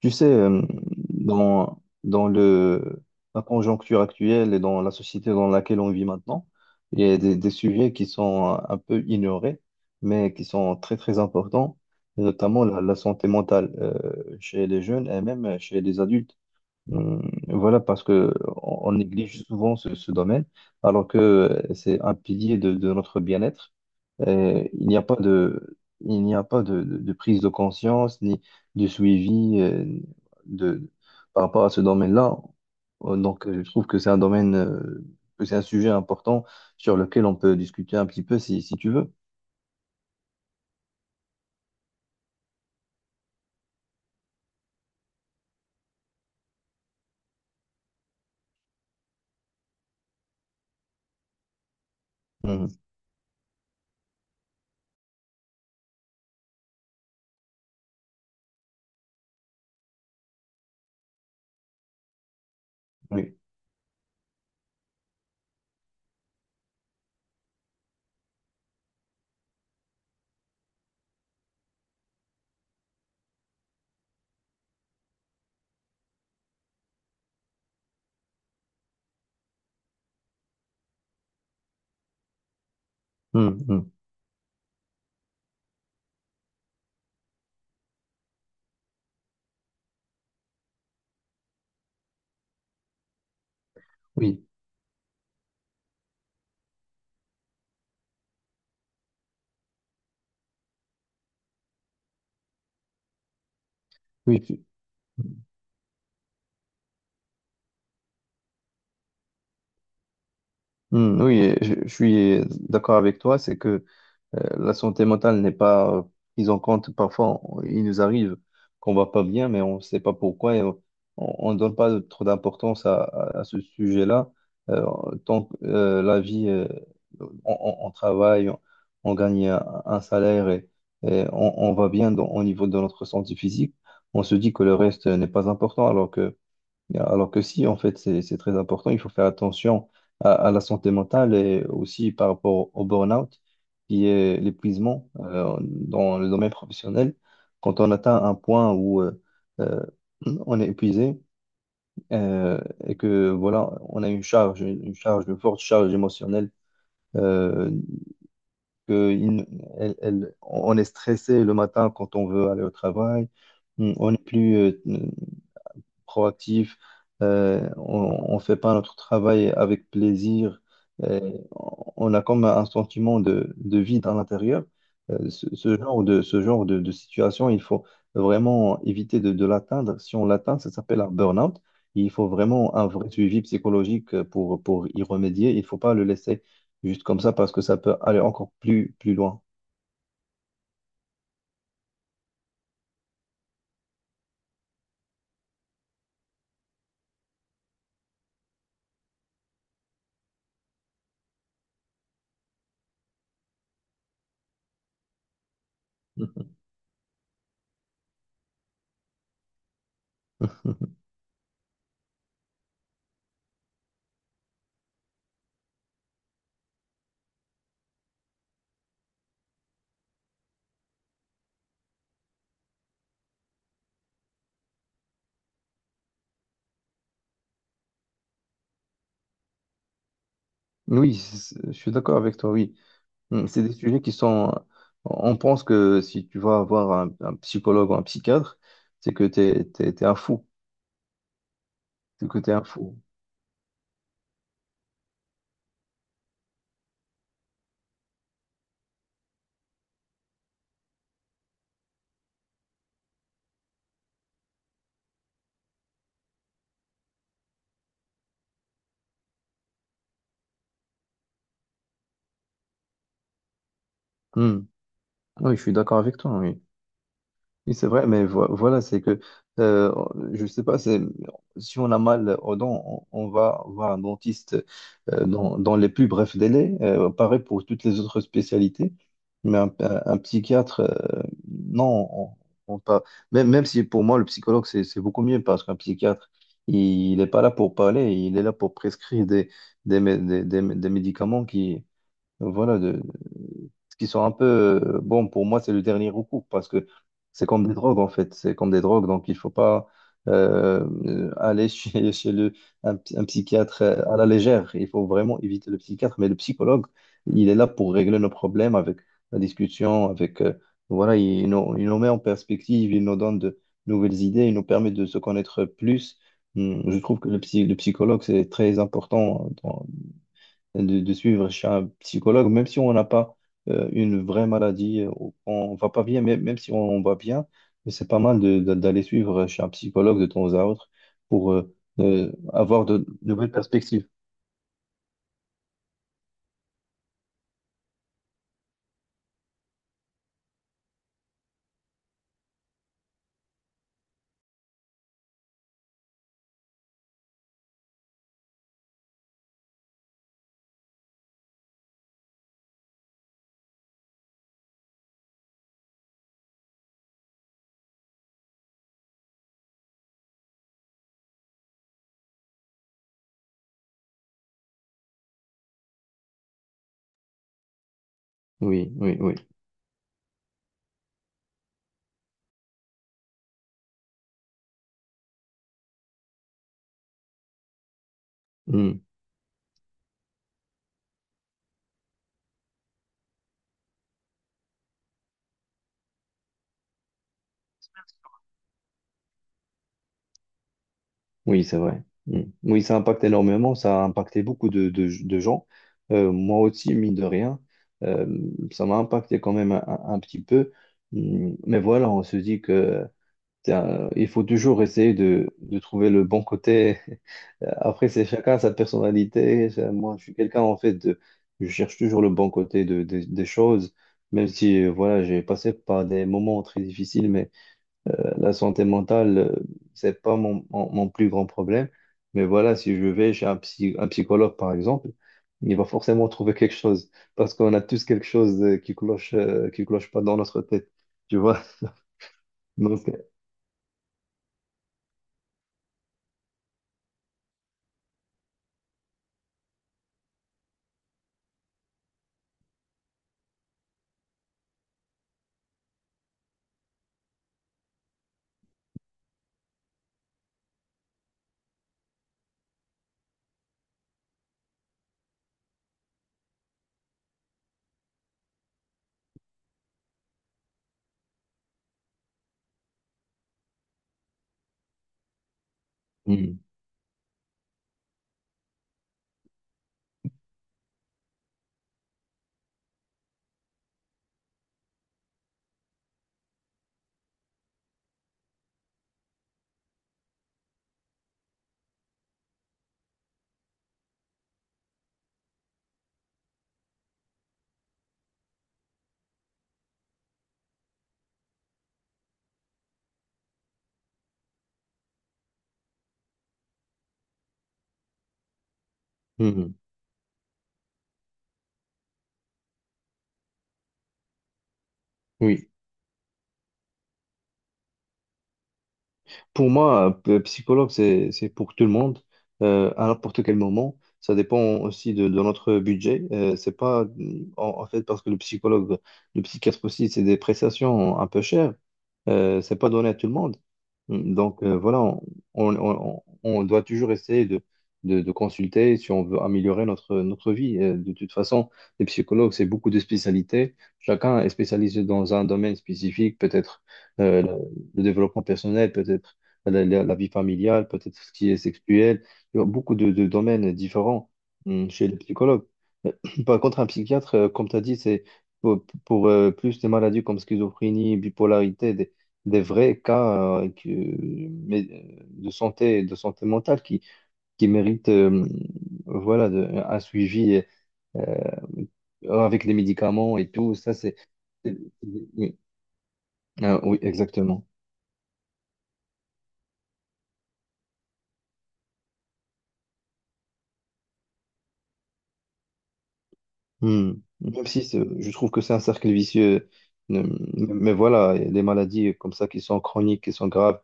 Tu sais, euh, dans la conjoncture actuelle et dans la société dans laquelle on vit maintenant, il y a des sujets qui sont un peu ignorés, mais qui sont très, très importants, et notamment la santé mentale chez les jeunes et même chez les adultes. Hum, Voilà, parce que on néglige souvent ce domaine, alors que c'est un pilier de notre bien-être. Il n'y a pas de prise de conscience ni de suivi de, par rapport à ce domaine-là. Donc, je trouve que c'est un domaine, que c'est un sujet important sur lequel on peut discuter un petit peu si tu veux. Mhm. Oui, mhm, oui, oui. Oui, je suis d'accord avec toi, c'est que la santé mentale n'est pas prise en compte. Parfois, il nous arrive qu'on va pas bien, mais on ne sait pas pourquoi et on ne donne pas trop d'importance à ce sujet-là. Euh, Tant que la vie, on travaille, on gagne un salaire et on va bien au niveau de notre santé physique, on se dit que le reste n'est pas important, alors que si, en fait, c'est très important. Il faut faire attention à la santé mentale et aussi par rapport au burn-out, qui est l'épuisement dans le domaine professionnel. Quand on atteint un point où euh, on est épuisé euh, et que voilà, on a une forte charge émotionnelle, euh, que il- elle- elle- on est stressé le matin quand on veut aller au travail. On n'est plus proactif, on ne fait pas notre travail avec plaisir, on a comme un sentiment de vide à l'intérieur. Ce, ce genre de situation, il faut vraiment éviter de l'atteindre. Si on l'atteint, ça s'appelle un burn-out. Il faut vraiment un vrai suivi psychologique pour y remédier. Il ne faut pas le laisser juste comme ça parce que ça peut aller encore plus loin. Je suis d'accord avec toi, oui. C'est des sujets qui sont. On pense que si tu vas avoir un psychologue ou un psychiatre, c'est que t'es un fou. C'est que t'es un fou. Hmm. Oui, je suis d'accord avec toi, oui. Oui, c'est vrai, mais voilà, c'est que, euh, je sais pas, c'est, si on a mal aux dents, on va voir un dentiste dans les plus brefs délais. Pareil pour toutes les autres spécialités. Mais un psychiatre, non, on pas. Même, même si pour moi, le psychologue, c'est beaucoup mieux parce qu'un psychiatre, il n'est pas là pour parler, il est là pour prescrire des, mé- des médicaments donc voilà, ce qui sont un peu, bon, pour moi, c'est le dernier recours parce que c'est comme des drogues, en fait. C'est comme des drogues, donc il faut pas aller chez, chez le, un psychiatre à la légère. Il faut vraiment éviter le psychiatre, mais le psychologue, il est là pour régler nos problèmes avec la discussion, avec, voilà, il nous met en perspective, il nous donne de nouvelles idées, il nous permet de se connaître plus. Je trouve que le psychologue, c'est très important de suivre chez un psychologue, même si on n'a pas une vraie maladie, on va pas bien, mais même si on va bien, mais c'est pas mal d'aller suivre chez un psychologue de temps à autre pour avoir de nouvelles perspectives. Oui, oui, oui. Mm. Oui, c'est vrai. Mm. Oui, ça impacte énormément, ça a impacté beaucoup de gens. Moi aussi, mine de rien, euh, ça m'a impacté quand même un petit peu. Mm. Mais voilà, on se dit que il faut toujours essayer de trouver le bon côté. Après, c'est chacun sa personnalité. Moi, je suis quelqu'un, en fait, de, je cherche toujours le bon côté des choses, même si, voilà, j'ai passé par des moments très difficiles, mais la santé mentale, c'est pas mon plus grand problème. Mais voilà, si je vais chez un psychologue, par exemple, il va forcément trouver quelque chose, parce qu'on a tous quelque chose qui cloche pas dans notre tête, tu vois. Donc, euh, Mhm. Mhm. Oui. Pour moi, psychologue, c'est pour tout le monde, à n'importe quel moment. Ça dépend aussi de notre budget. C'est pas, en, En fait, parce que le psychologue, le psychiatre aussi, c'est des prestations un peu chères. C'est pas donné à tout le monde. Donc voilà, on doit toujours essayer de consulter si on veut améliorer notre vie. De toute façon, les psychologues, c'est beaucoup de spécialités. Chacun est spécialisé dans un domaine spécifique, peut-être euh, le, le développement personnel, peut-être la vie familiale, peut-être ce qui est sexuel. Il y a beaucoup de domaines différents chez les psychologues. Euh, Par contre, un psychiatre, comme tu as dit, c'est plus des maladies comme schizophrénie, bipolarité, des vrais cas mais, de santé mentale qui méritent voilà, un suivi avec les médicaments et tout. Ça, c'est. c'est- Oui, ah, oui, exactement. Hmm. Même si je trouve que c'est un cercle vicieux. Euh, Mais voilà, il y a des maladies comme ça qui sont chroniques, qui sont graves,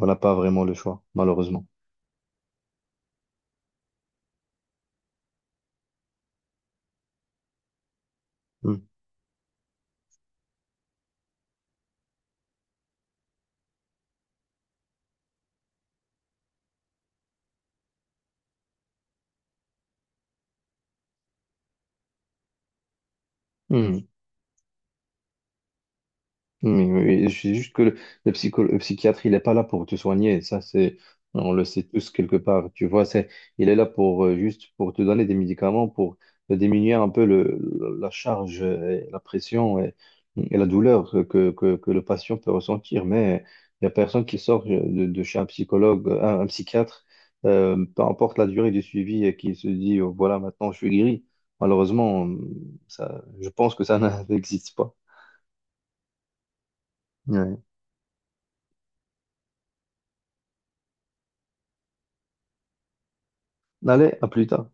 on n'a pas vraiment le choix, malheureusement. Hmm. Hmm. Mais je suis juste que le, le psychiatre, il n'est pas là pour te soigner. Ça, c'est, on le sait tous quelque part. Tu vois, c'est, il est là pour juste pour te donner des médicaments pour diminuer un peu le, la charge, et la pression et la douleur que le patient peut ressentir. Mais il n'y a personne qui sort de chez un psychologue, un psychiatre, peu importe la durée du suivi, et qui se dit, oh, voilà, maintenant je suis guéri. Malheureusement, ça, je pense que ça n'existe pas. Ouais. Allez, à plus tard.